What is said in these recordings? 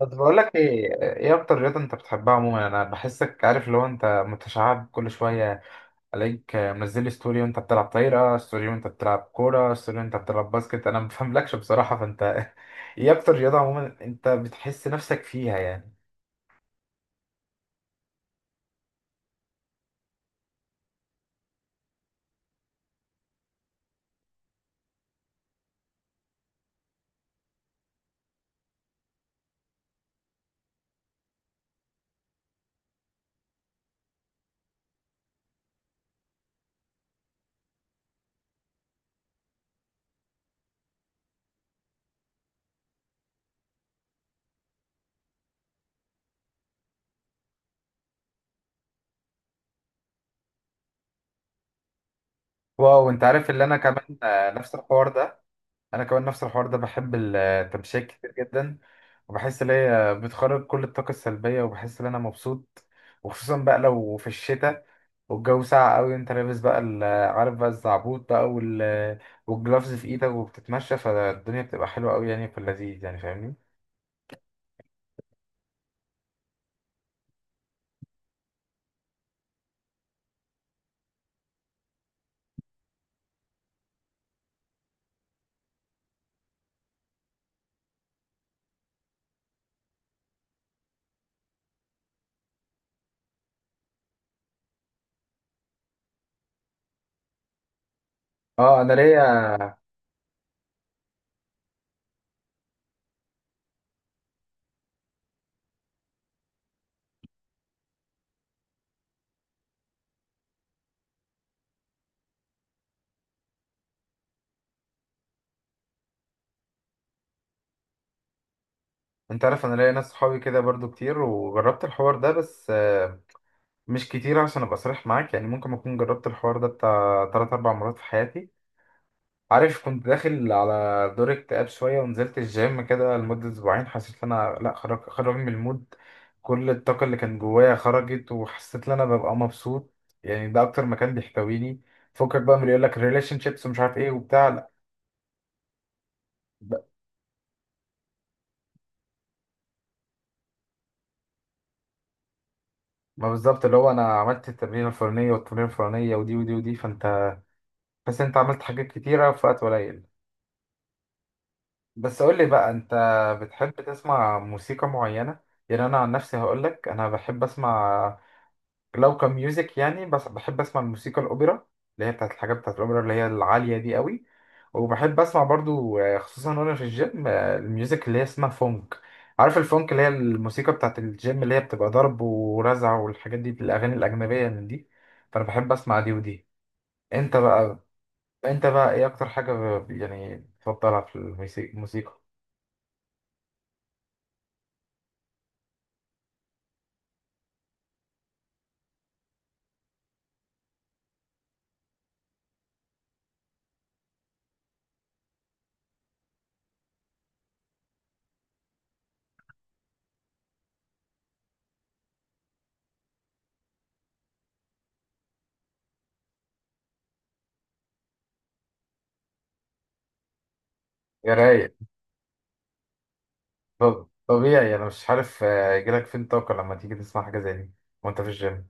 بس بقول لك ايه اكتر رياضه انت بتحبها عموما؟ انا بحسك عارف، لو انت متشعب كل شويه عليك منزل لي ستوري وانت بتلعب طايره، ستوري وانت بتلعب كوره، ستوري وانت بتلعب باسكت، انا ما بفهملكش بصراحه. فانت ايه اكتر رياضه عموما انت بتحس نفسك فيها يعني؟ واو، انت عارف اللي انا كمان نفس الحوار ده. انا كمان نفس الحوار ده، بحب التمشية كتير جدا، وبحس ان هي بتخرج كل الطاقه السلبيه وبحس ان انا مبسوط. وخصوصا بقى لو في الشتاء والجو ساقع قوي، انت لابس بقى عارف بقى الزعبوط بقى والجلافز في ايدك وبتتمشى، فالدنيا بتبقى حلوة قوي يعني، في اللذيذ يعني، فاهمني. اه انا ليا. انت عارف، انا ليا ناس صحابي كده برضو كتير وجربت الحوار ده، بس مش كتير عشان ابقى صريح معاك. يعني ممكن اكون جربت الحوار ده بتاع 3 4 مرات في حياتي. عارف، كنت داخل على دور اكتئاب شوية ونزلت الجيم كده لمدة أسبوعين، حسيت إن أنا لأ، خرج من المود. كل الطاقة اللي كانت جوايا خرجت، وحسيت إن أنا ببقى مبسوط، يعني ده أكتر مكان بيحتويني. فكك بقى من اللي يقولك ريليشن شيبس ومش عارف إيه وبتاع، لأ. ب- ما بالظبط، اللي هو أنا عملت التمرين الفلانية والتمرين الفلانية ودي ودي، فأنت بس أنت عملت حاجات كتيرة في وقت قليل. بس قولي بقى، أنت بتحب تسمع موسيقى معينة؟ يعني أنا عن نفسي هقولك، أنا بحب أسمع، لو كميوزك يعني، بس بحب اسمع الموسيقى الاوبرا، اللي هي بتاعت الحاجات بتاعت الاوبرا اللي هي العاليه دي قوي. وبحب اسمع برضو خصوصا وانا في الجيم، الميوزك اللي هي اسمها فونك، عارف الفونك، اللي هي الموسيقى بتاعت الجيم، اللي هي بتبقى ضرب ورزع والحاجات دي، الاغاني الاجنبيه من دي. فانا بحب اسمع دي ودي. انت بقى، انت بقى ايه اكتر حاجه يعني بتفضلها في الموسيقى الموسيقى؟ يا رايق. طبيعي، انا مش عارف يجيلك فين طاقه لما تيجي تسمع حاجه زي دي وانت في الجيم.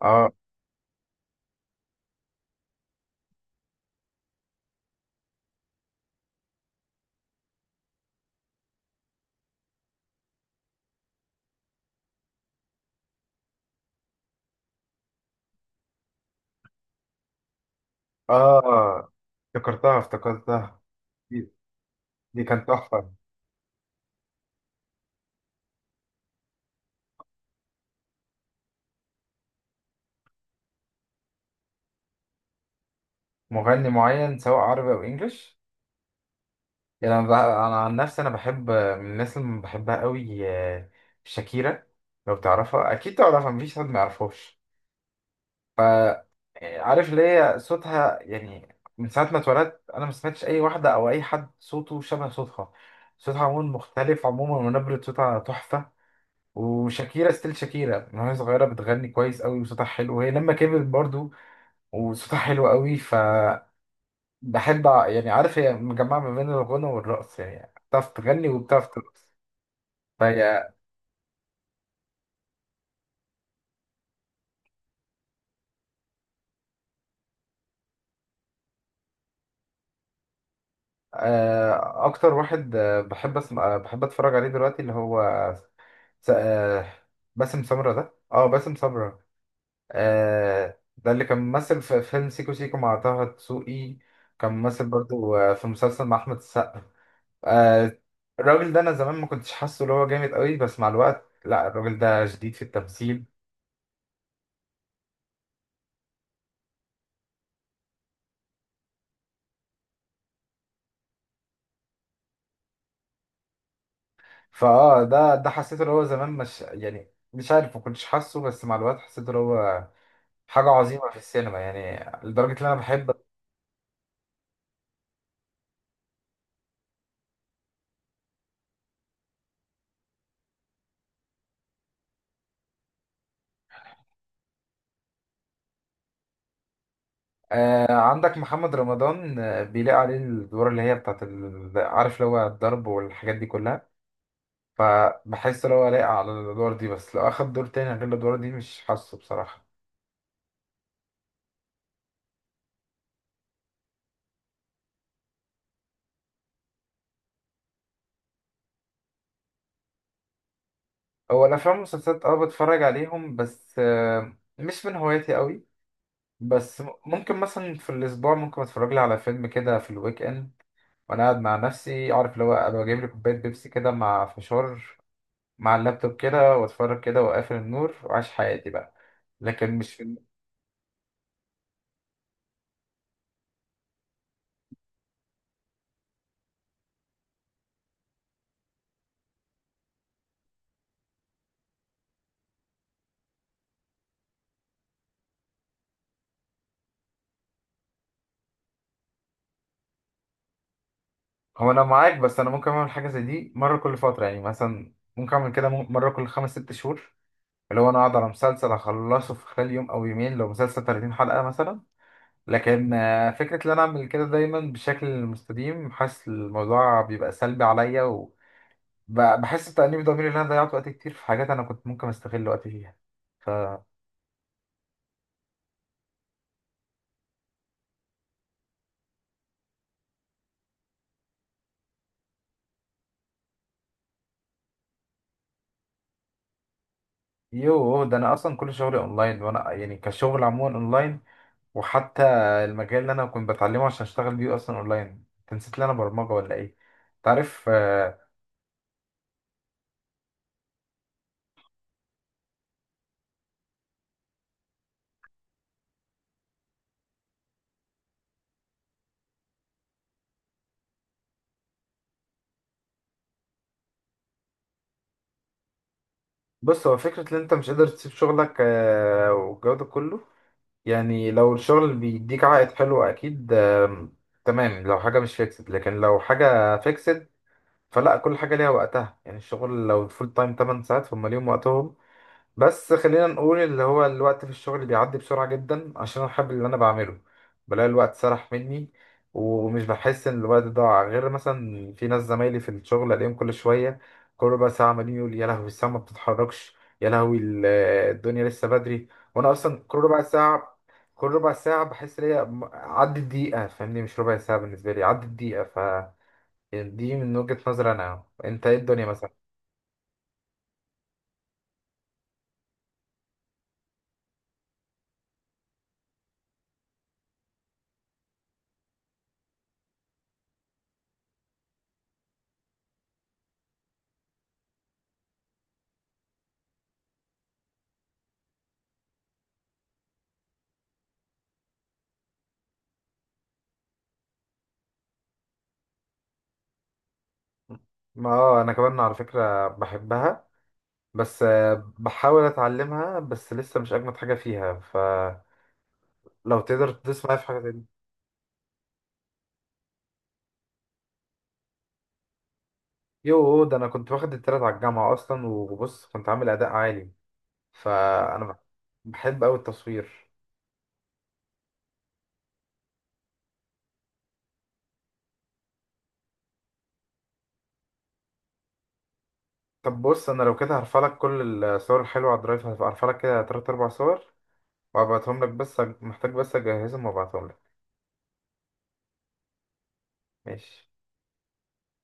اه آه، افتكرتها. دي، دي كانت تحفة. مغني معين سواء عربي أو إنجليش؟ يعني أنا عن نفسي أنا بحب من الناس اللي بحبها قوي، شاكيرا. لو تعرفها، أكيد تعرفها، مفيش حد ما يعرفهاش. ف آه، عارف اللي هي صوتها، يعني من ساعة ما اتولدت أنا ما سمعتش أي واحدة أو أي حد صوته شبه صوتها. صوتها عموما مختلف عموما، ونبرة صوتها تحفة. وشاكيرا ستيل شاكيرا، من وهي صغيرة بتغني كويس قوي وصوتها حلو، وهي لما كبرت برضو وصوتها حلو قوي. فبحب يعني عارف، هي مجمعة ما بين الغنى والرقص، يعني بتعرف تغني وبتعرف ترقص، فهي. أكتر واحد بحب أسمع، بحب أتفرج عليه دلوقتي، اللي هو س- آه، باسم سمرة. ده اه باسم سمرة. ده اللي كان ممثل في فيلم سيكو سيكو مع طه دسوقي. كان ممثل برضو في مسلسل مع أحمد السقا. آه، الراجل ده أنا زمان ما كنتش حاسه اللي هو جامد قوي، بس مع الوقت لا، الراجل ده جديد في التمثيل. فاه ده حسيت ان هو زمان مش، يعني مش عارف، ما كنتش حاسه، بس مع الوقت حسيت ان هو حاجه عظيمه في السينما، يعني لدرجه ان انا بحب. آه عندك محمد رمضان، بيلاقي عليه الادوار اللي هي بتاعت عارف اللي هو الضرب والحاجات دي كلها. فبحس ان هو لايق على الادوار دي، بس لو اخد دور تاني غير الادوار دي مش حاسه بصراحه. هو الافلام والمسلسلات اه بتفرج عليهم، بس آه مش من هوايتي قوي. بس ممكن مثلا في الاسبوع ممكن اتفرج لي على فيلم كده في الويك اند، وانا قاعد مع نفسي، عارف اللي هو ابقى جايب لي كوبايه بيبسي كده مع فشار مع اللابتوب كده، واتفرج كده واقفل النور وعايش حياتي بقى. لكن مش في. هو انا معاك، بس انا ممكن اعمل حاجه زي دي مره كل فتره، يعني مثلا ممكن اعمل كده مره كل خمس ست شهور، اللي هو انا اقعد على مسلسل اخلصه في خلال يوم او يومين لو مسلسل 30 حلقه مثلا. لكن فكره ان انا اعمل كده دايما بشكل مستديم، حاسس الموضوع بيبقى سلبي عليا، وبحس بتأنيب ضميري ان انا ضيعت وقت كتير في حاجات انا كنت ممكن استغل وقتي فيها. يوه، ده انا اصلا كل شغلي اونلاين، وانا يعني كشغل عموما اونلاين. وحتى المجال اللي انا كنت بتعلمه عشان اشتغل بيه اصلا اونلاين، انت نسيت لي انا برمجه ولا ايه؟ تعرف بص، هو فكره ان انت مش قادر تسيب شغلك والجو ده كله، يعني لو الشغل بيديك عائد حلو اكيد تمام، لو حاجه مش فيكسد، لكن لو حاجه فيكسد فلا، كل حاجه ليها وقتها. يعني الشغل لو فول تايم 8 ساعات فهم ليهم وقتهم. بس خلينا نقول، اللي هو الوقت في الشغل بيعدي بسرعة جدا عشان أنا بحب اللي أنا بعمله، بلاقي الوقت سرح مني، ومش بحس إن الوقت ضاع. غير مثلا في ناس زمايلي في الشغل ألاقيهم كل شوية، كل ربع ساعة عمالين يقول: يا لهوي الساعة ما بتتحركش، يا لهوي الدنيا لسه بدري. وأنا أصلا كل ربع ساعة، كل ربع ساعة بحس إن هي عدت دقيقة، فاهمني؟ مش ربع ساعة بالنسبة لي، عدت دقيقة. ف دي من وجهة نظري أنا، أنت إيه الدنيا مثلا؟ ما اه انا كمان على فكرة بحبها، بس بحاول اتعلمها بس لسه مش اجمد حاجه فيها، فلو تقدر تدوس معايا في حاجه تانية. يو، ده انا كنت واخد التلات على الجامعه اصلا، وبص كنت عامل اداء عالي. فانا بح- بحب قوي التصوير. طب بص، انا لو كده هرفع لك كل الصور الحلوه على الدرايف، هرفع لك كده تلات اربع صور وابعتهم لك، بس محتاج بس اجهزهم وابعتهم لك. ماشي.